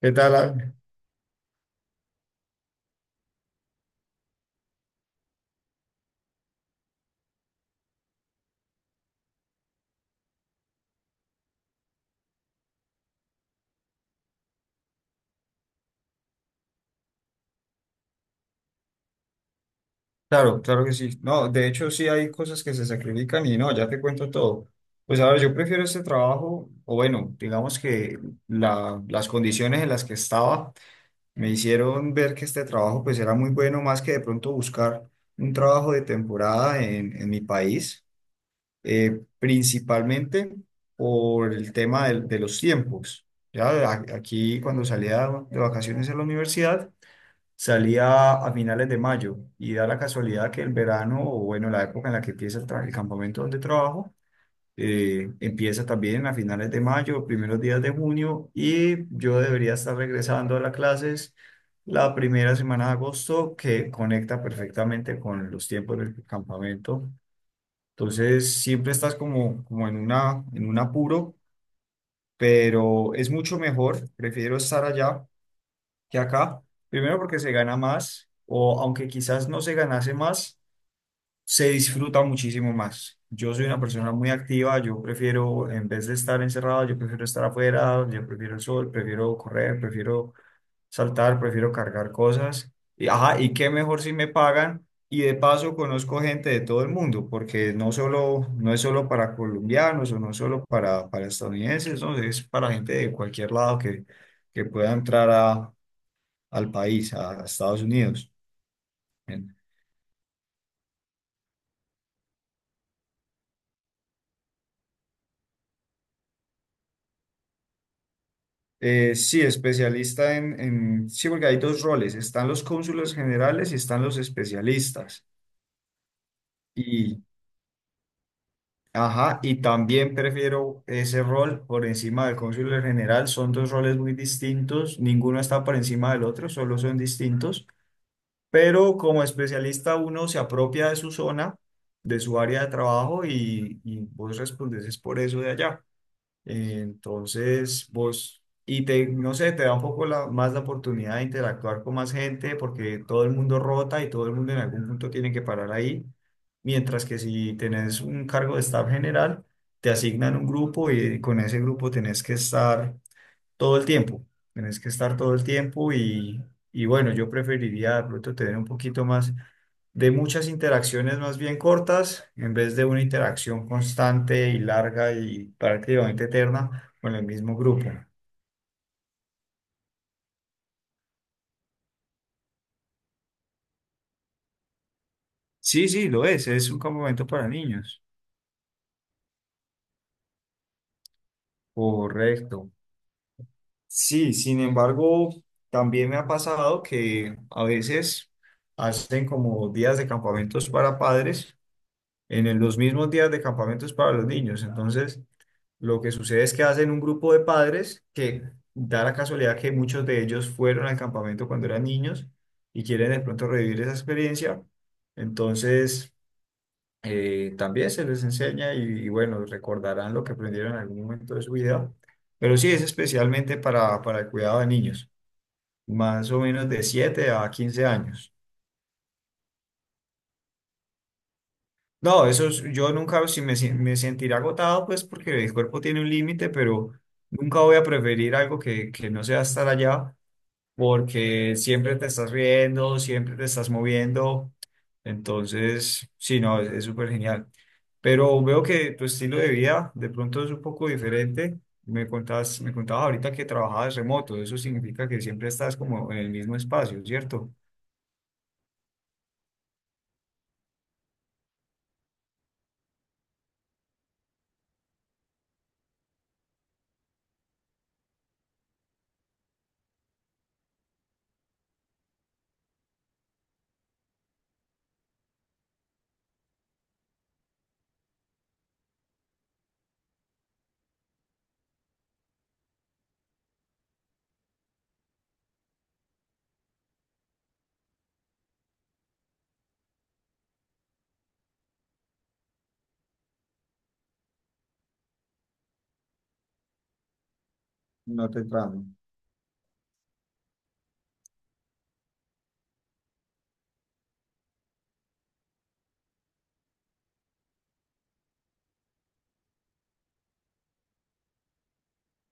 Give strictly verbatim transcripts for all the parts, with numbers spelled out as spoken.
¿Qué tal, Al? Claro, claro que sí. No, de hecho sí hay cosas que se sacrifican y no, ya te cuento todo. Pues a ver, yo prefiero este trabajo, o bueno, digamos que la- las condiciones en las que estaba me hicieron ver que este trabajo pues era muy bueno, más que de pronto buscar un trabajo de temporada en, en mi país, eh, principalmente por el tema del- de los tiempos. Ya a- aquí cuando salía de vacaciones en la universidad, salía a finales de mayo y da la casualidad que el verano, o bueno, la época en la que empieza el, tra- el campamento donde trabajo, eh, empieza también a finales de mayo, primeros días de junio, y yo debería estar regresando a las clases la primera semana de agosto, que conecta perfectamente con los tiempos del campamento. Entonces, siempre estás como, como en una, en un apuro, pero es mucho mejor, prefiero estar allá que acá. Primero porque se gana más, o aunque quizás no se ganase más, se disfruta muchísimo más. Yo soy una persona muy activa, yo prefiero, en vez de estar encerrado, yo prefiero estar afuera, yo prefiero el sol, prefiero correr, prefiero saltar, prefiero cargar cosas. Y, ajá, y qué mejor si me pagan. Y de paso conozco gente de todo el mundo, porque no solo, no es solo para colombianos o no es solo para, para estadounidenses, ¿no? Es para gente de cualquier lado que, que pueda entrar a, al país, a Estados Unidos. Bien. Eh, sí, especialista en, en- sí, porque hay dos roles, están los cónsules generales y están los especialistas. Y, ajá, y también prefiero ese rol por encima del cónsul general, son dos roles muy distintos, ninguno está por encima del otro, solo son distintos, pero como especialista uno se apropia de su zona, de su área de trabajo y, y vos respondes es por eso de allá. Eh, Entonces, vos, y te, no sé, te da un poco la- más la oportunidad de interactuar con más gente porque todo el mundo rota y todo el mundo en algún punto tiene que parar ahí. Mientras que si tenés un cargo de staff general, te asignan un grupo y con ese grupo tenés que estar todo el tiempo. Tenés que estar todo el tiempo y, y bueno, yo preferiría de pronto tener un poquito más de muchas interacciones más bien cortas, en vez de una interacción constante y larga y prácticamente eterna con el mismo grupo. Sí, sí, lo es, es un campamento para niños. Correcto. Sí, sin embargo, también me ha pasado que a veces hacen como días de campamentos para padres en el- los mismos días de campamentos para los niños. Entonces, lo que sucede es que hacen un grupo de padres que da la casualidad que muchos de ellos fueron al campamento cuando eran niños y quieren de pronto revivir esa experiencia. Entonces, eh, también se les enseña y, y bueno, recordarán lo que aprendieron en algún momento de su vida. Pero sí es especialmente para, para el cuidado de niños, más o menos de siete a quince años. No, eso es- yo nunca si me, si- me sentiré agotado, pues porque el cuerpo tiene un límite, pero nunca voy a preferir algo que, que no sea estar allá porque siempre te estás riendo, siempre te estás moviendo. Entonces, sí, no, es es súper genial. Pero veo que tu estilo de vida de pronto es un poco diferente. Me contabas, me contabas ahorita que trabajabas remoto. Eso significa que siempre estás como en el mismo espacio, ¿cierto? No te tramo.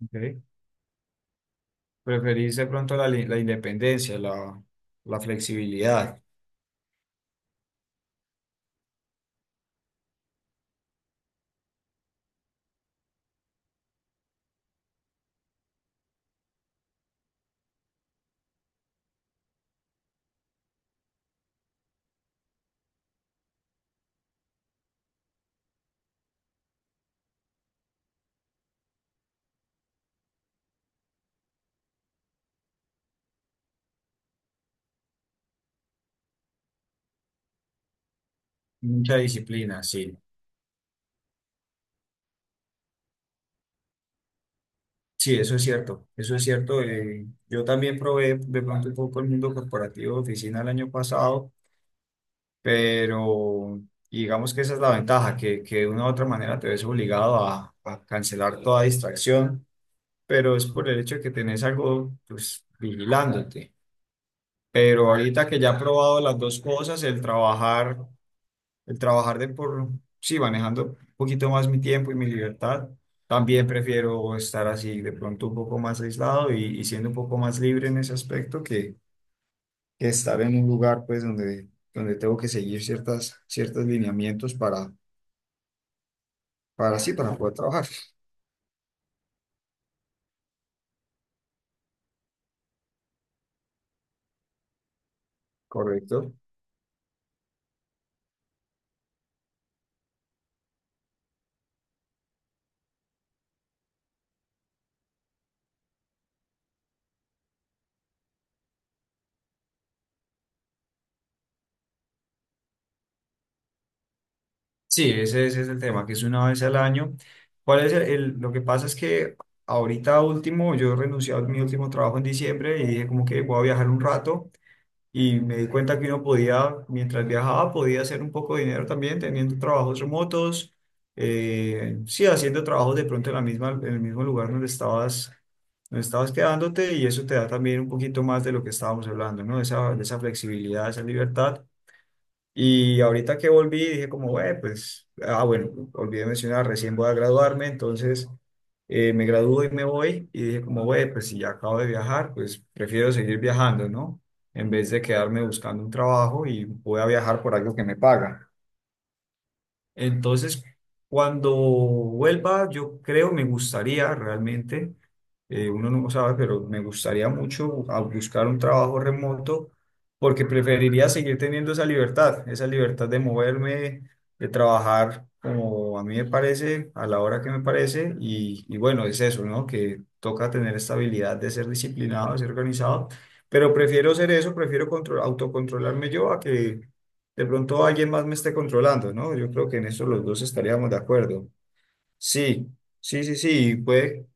Ok. Preferís de pronto la, li- la independencia, la, la flexibilidad, mucha disciplina, sí. Sí, eso es cierto, eso es cierto. Eh, yo también probé de pronto un poco el mundo corporativo de oficina el año pasado, pero digamos que esa es la ventaja, que, que de una u otra manera te ves obligado a, a cancelar toda distracción, pero es por el hecho de que tenés algo pues vigilándote. Pero ahorita que ya he probado las dos cosas, el trabajar el trabajar de por, sí, manejando un poquito más mi tiempo y mi libertad. También prefiero estar así de pronto un poco más aislado y, y siendo un poco más libre en ese aspecto que, que estar en un lugar pues donde, donde tengo que seguir ciertas, ciertos lineamientos para, para sí, para poder trabajar. Correcto. Sí, ese, ese es el tema, que es una vez al año. ¿Cuál es el, el- lo que pasa es que ahorita último, yo renuncié a mi último trabajo en diciembre y dije como que voy a viajar un rato. Y me di cuenta que uno podía, mientras viajaba, podía hacer un poco de dinero también teniendo trabajos remotos, eh, sí, haciendo trabajos de pronto en la misma, en el mismo lugar donde estabas, donde estabas quedándote y eso te da también un poquito más de lo que estábamos hablando, ¿no? Esa, de esa flexibilidad, esa libertad. Y ahorita que volví, dije como: "Güey, pues, ah, bueno, olvidé mencionar, recién voy a graduarme, entonces eh, me gradúo y me voy". Y dije como: "Güey, pues si ya acabo de viajar, pues prefiero seguir viajando, ¿no? En vez de quedarme buscando un trabajo, y voy a viajar por algo que me paga". Entonces, cuando vuelva, yo creo, me gustaría realmente, eh, uno no sabe, pero me gustaría mucho a buscar un trabajo remoto porque preferiría seguir teniendo esa libertad, esa libertad de moverme, de trabajar como a mí me parece, a la hora que me parece. Y, y bueno, es eso, ¿no? Que toca tener esta habilidad de ser disciplinado, de ser organizado, pero prefiero ser eso, prefiero control, autocontrolarme yo a que de pronto alguien más me esté controlando, ¿no? Yo creo que en eso los dos estaríamos de acuerdo. Sí, sí, sí, sí, puede.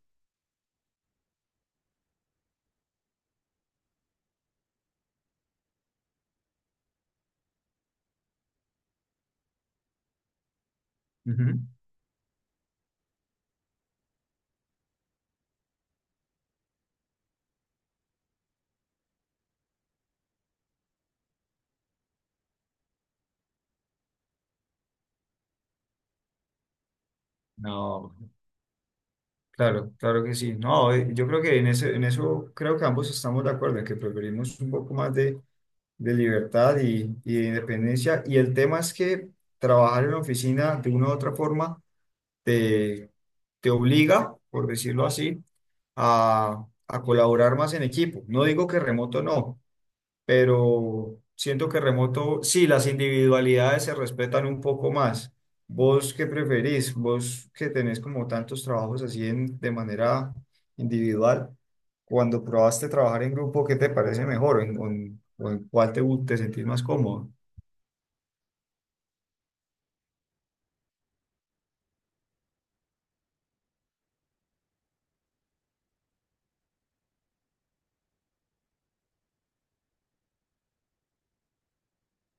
Ujú. No, claro, claro que sí. No, eh, yo creo que en ese, en eso creo que ambos estamos de acuerdo, en que preferimos un poco más de, de libertad y, y de independencia. Y el tema es que trabajar en la oficina de una u otra forma te, te obliga, por decirlo así, a, a colaborar más en equipo. No digo que remoto no, pero siento que remoto, sí, las individualidades se respetan un poco más. ¿Vos qué preferís? ¿Vos que tenés como tantos trabajos así en- de manera individual? Cuando probaste trabajar en grupo, ¿qué te parece mejor? ¿En, o en- o en cuál te, gu- te sentís más cómodo?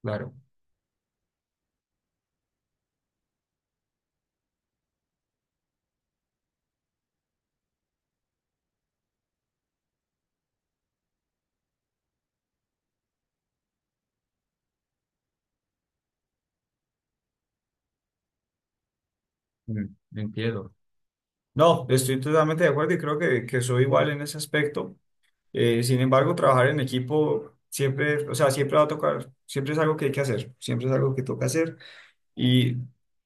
Claro, mm, entiendo. No, estoy totalmente de acuerdo y creo que, que soy igual en ese aspecto. Eh, sin embargo, trabajar en equipo siempre, o sea, siempre va a tocar, siempre es algo que hay que hacer, siempre es algo que toca hacer. Y,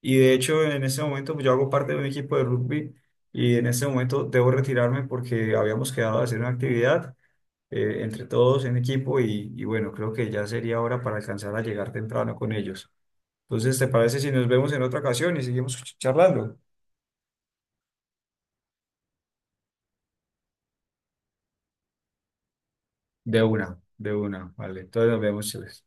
y de hecho, en ese momento pues, yo hago parte de un equipo de rugby y en ese momento debo retirarme porque habíamos quedado de hacer una actividad eh, entre todos en equipo y, y bueno, creo que ya sería hora para alcanzar a llegar temprano con ellos. Entonces, ¿te parece si nos vemos en otra ocasión y seguimos charlando? De una, de una, vale. Entonces nos vemos, Chiles.